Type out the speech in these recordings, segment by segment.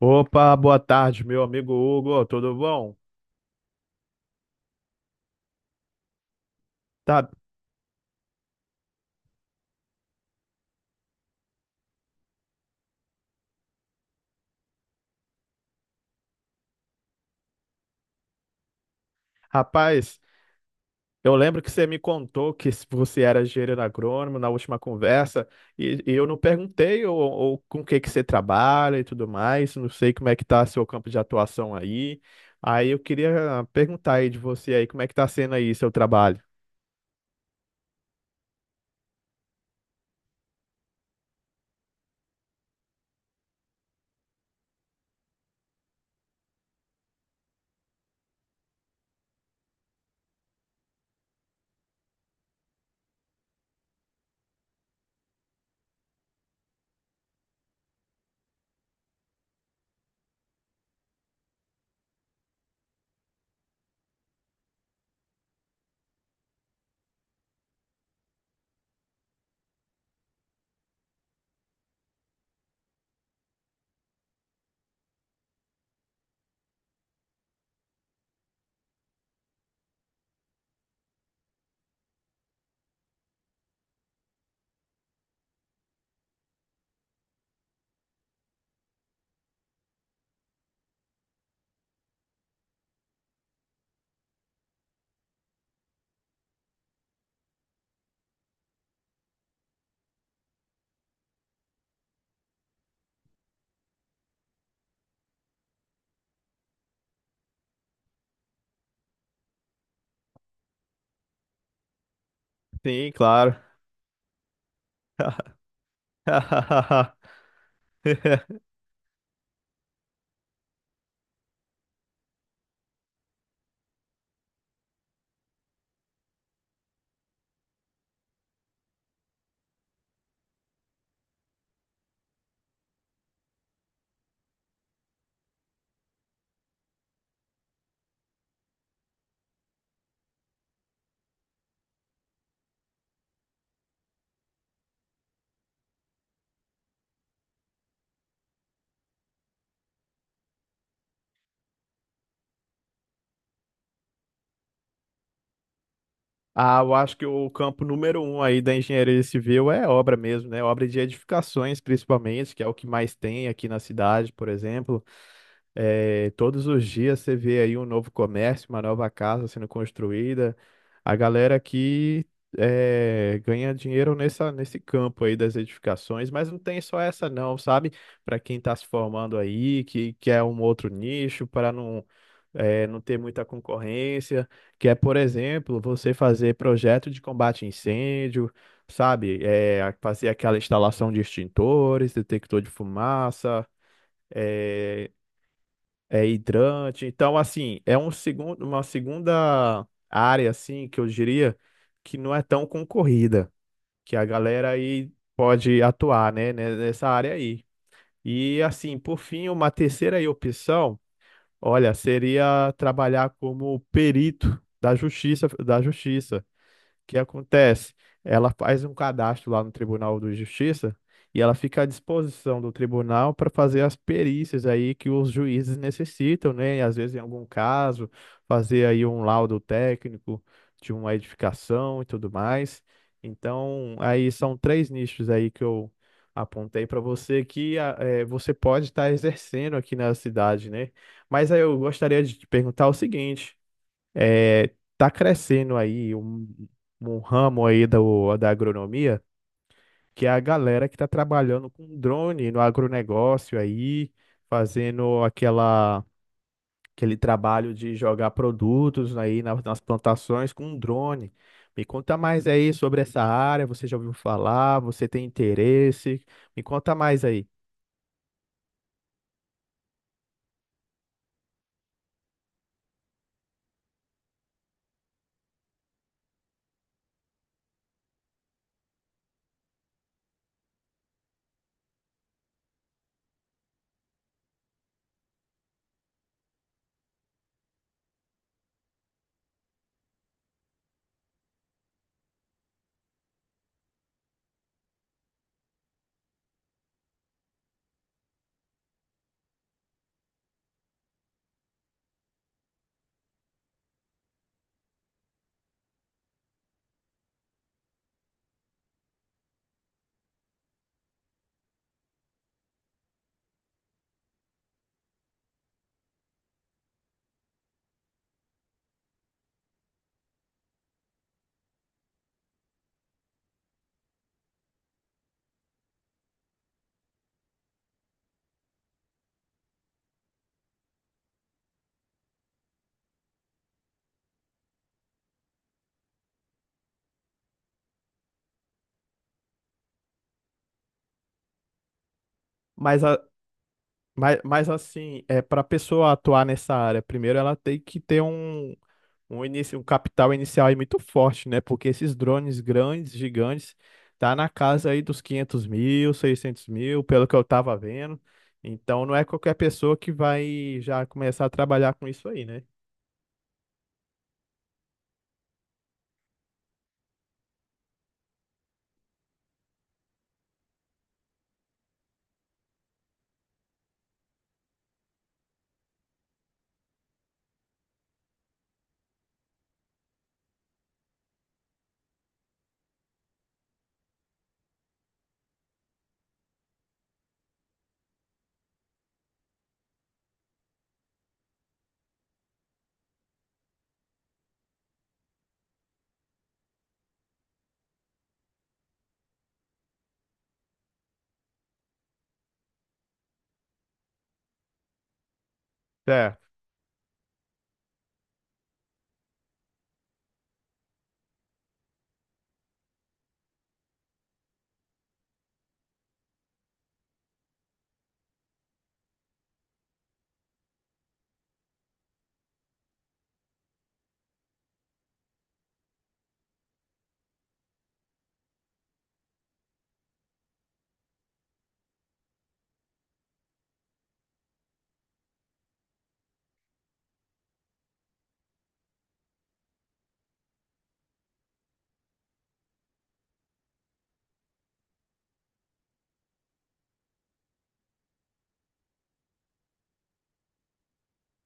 Opa, boa tarde, meu amigo Hugo, tudo bom? Tá, rapaz, eu lembro que você me contou que se você era engenheiro agrônomo na última conversa e eu não perguntei ou com o que que você trabalha e tudo mais, não sei como é que tá seu campo de atuação aí. Aí eu queria perguntar aí de você aí, como é que tá sendo aí seu trabalho? Sim, claro. Eu acho que o campo número 1 aí da engenharia civil é obra mesmo, né? Obra de edificações, principalmente, que é o que mais tem aqui na cidade, por exemplo. É, todos os dias você vê aí um novo comércio, uma nova casa sendo construída. A galera aqui é, ganha dinheiro nesse campo aí das edificações, mas não tem só essa não, sabe? Para quem está se formando aí, que quer um outro nicho, para não, é, não ter muita concorrência, que é, por exemplo, você fazer projeto de combate a incêndio, sabe? É, fazer aquela instalação de extintores, detector de fumaça eh, é hidrante. Então, assim, uma segunda área, assim, que eu diria que não é tão concorrida, que a galera aí pode atuar, né, nessa área aí. E, assim, por fim, uma terceira aí opção, olha, seria trabalhar como perito da justiça, da justiça. O que acontece? Ela faz um cadastro lá no Tribunal de Justiça e ela fica à disposição do tribunal para fazer as perícias aí que os juízes necessitam, né? E às vezes, em algum caso, fazer aí um laudo técnico de uma edificação e tudo mais. Então, aí são três nichos aí que eu apontei para você que você pode estar exercendo aqui na cidade, né? Mas aí eu gostaria de te perguntar o seguinte: é, tá crescendo aí um ramo aí da agronomia, que é a galera que tá trabalhando com drone no agronegócio aí, fazendo aquele trabalho de jogar produtos aí nas plantações com drone. Me conta mais aí sobre essa área, você já ouviu falar, você tem interesse? Me conta mais aí. Mas, a- mas assim, é, para pessoa atuar nessa área, primeiro ela tem que ter início, um capital inicial aí muito forte, né? Porque esses drones grandes, gigantes, tá na casa aí dos 500 mil, 600 mil, pelo que eu tava vendo. Então não é qualquer pessoa que vai já começar a trabalhar com isso aí, né? Certo,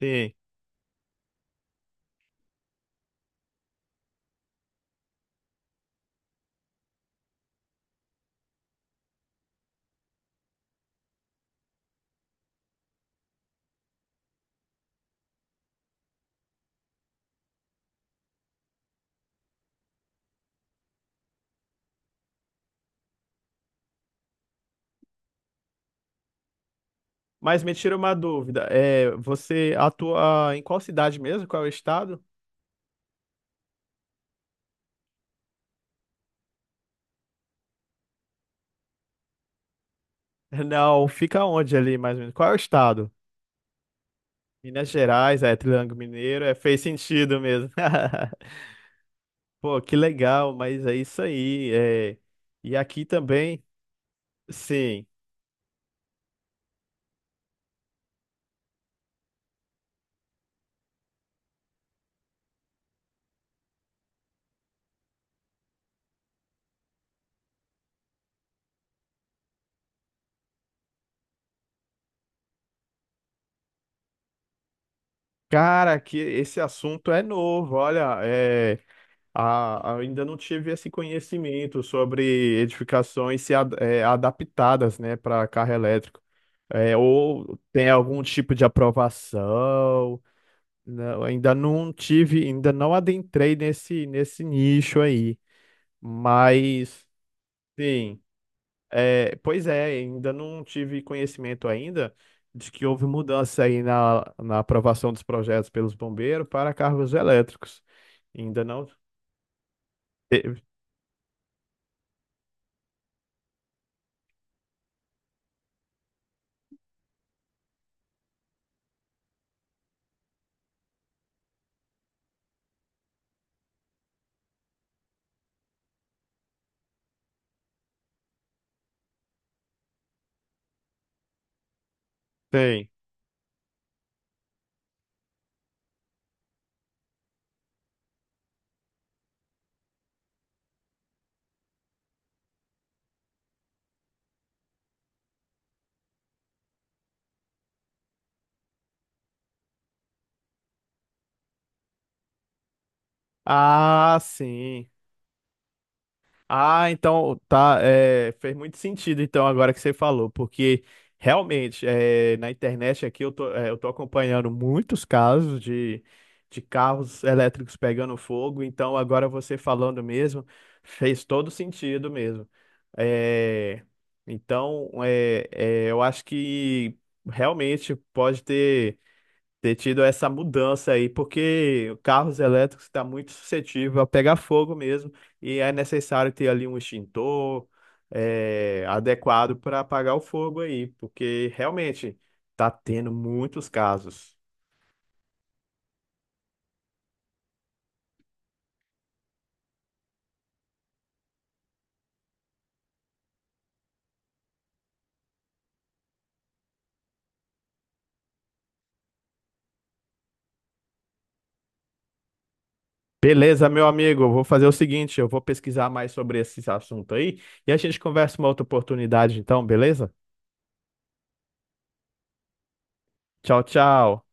sim. Mas me tira uma dúvida, é, você atua em qual cidade mesmo? Qual é o estado? Não, fica onde ali mais ou menos? Qual é o estado? Minas Gerais, é Triângulo Mineiro, é, fez sentido mesmo. Pô, que legal, mas é isso aí. É... E aqui também, sim. Cara, que esse assunto é novo. Olha, é... ainda não tive esse conhecimento sobre edificações se ad- é, adaptadas, né, para carro elétrico. É, ou tem algum tipo de aprovação. Não, ainda não tive, ainda não adentrei nesse nicho aí. Mas, sim. É, pois é, ainda não tive conhecimento ainda de que houve mudança aí na aprovação dos projetos pelos bombeiros para carros elétricos. Ainda não teve. Tem. Ah, sim. Ah, então tá, é, fez muito sentido então agora que você falou, porque realmente é, na internet aqui eu tô, é, eu tô acompanhando muitos casos de carros elétricos pegando fogo, então agora você falando mesmo fez todo sentido mesmo. É, então é, é, eu acho que realmente pode ter ter tido essa mudança aí, porque carros elétricos está muito suscetível a pegar fogo mesmo e é necessário ter ali um extintor eh, adequado para apagar o fogo aí, porque realmente está tendo muitos casos. Beleza, meu amigo, eu vou fazer o seguinte, eu vou pesquisar mais sobre esse assunto aí e a gente conversa uma outra oportunidade então, beleza? Tchau, tchau.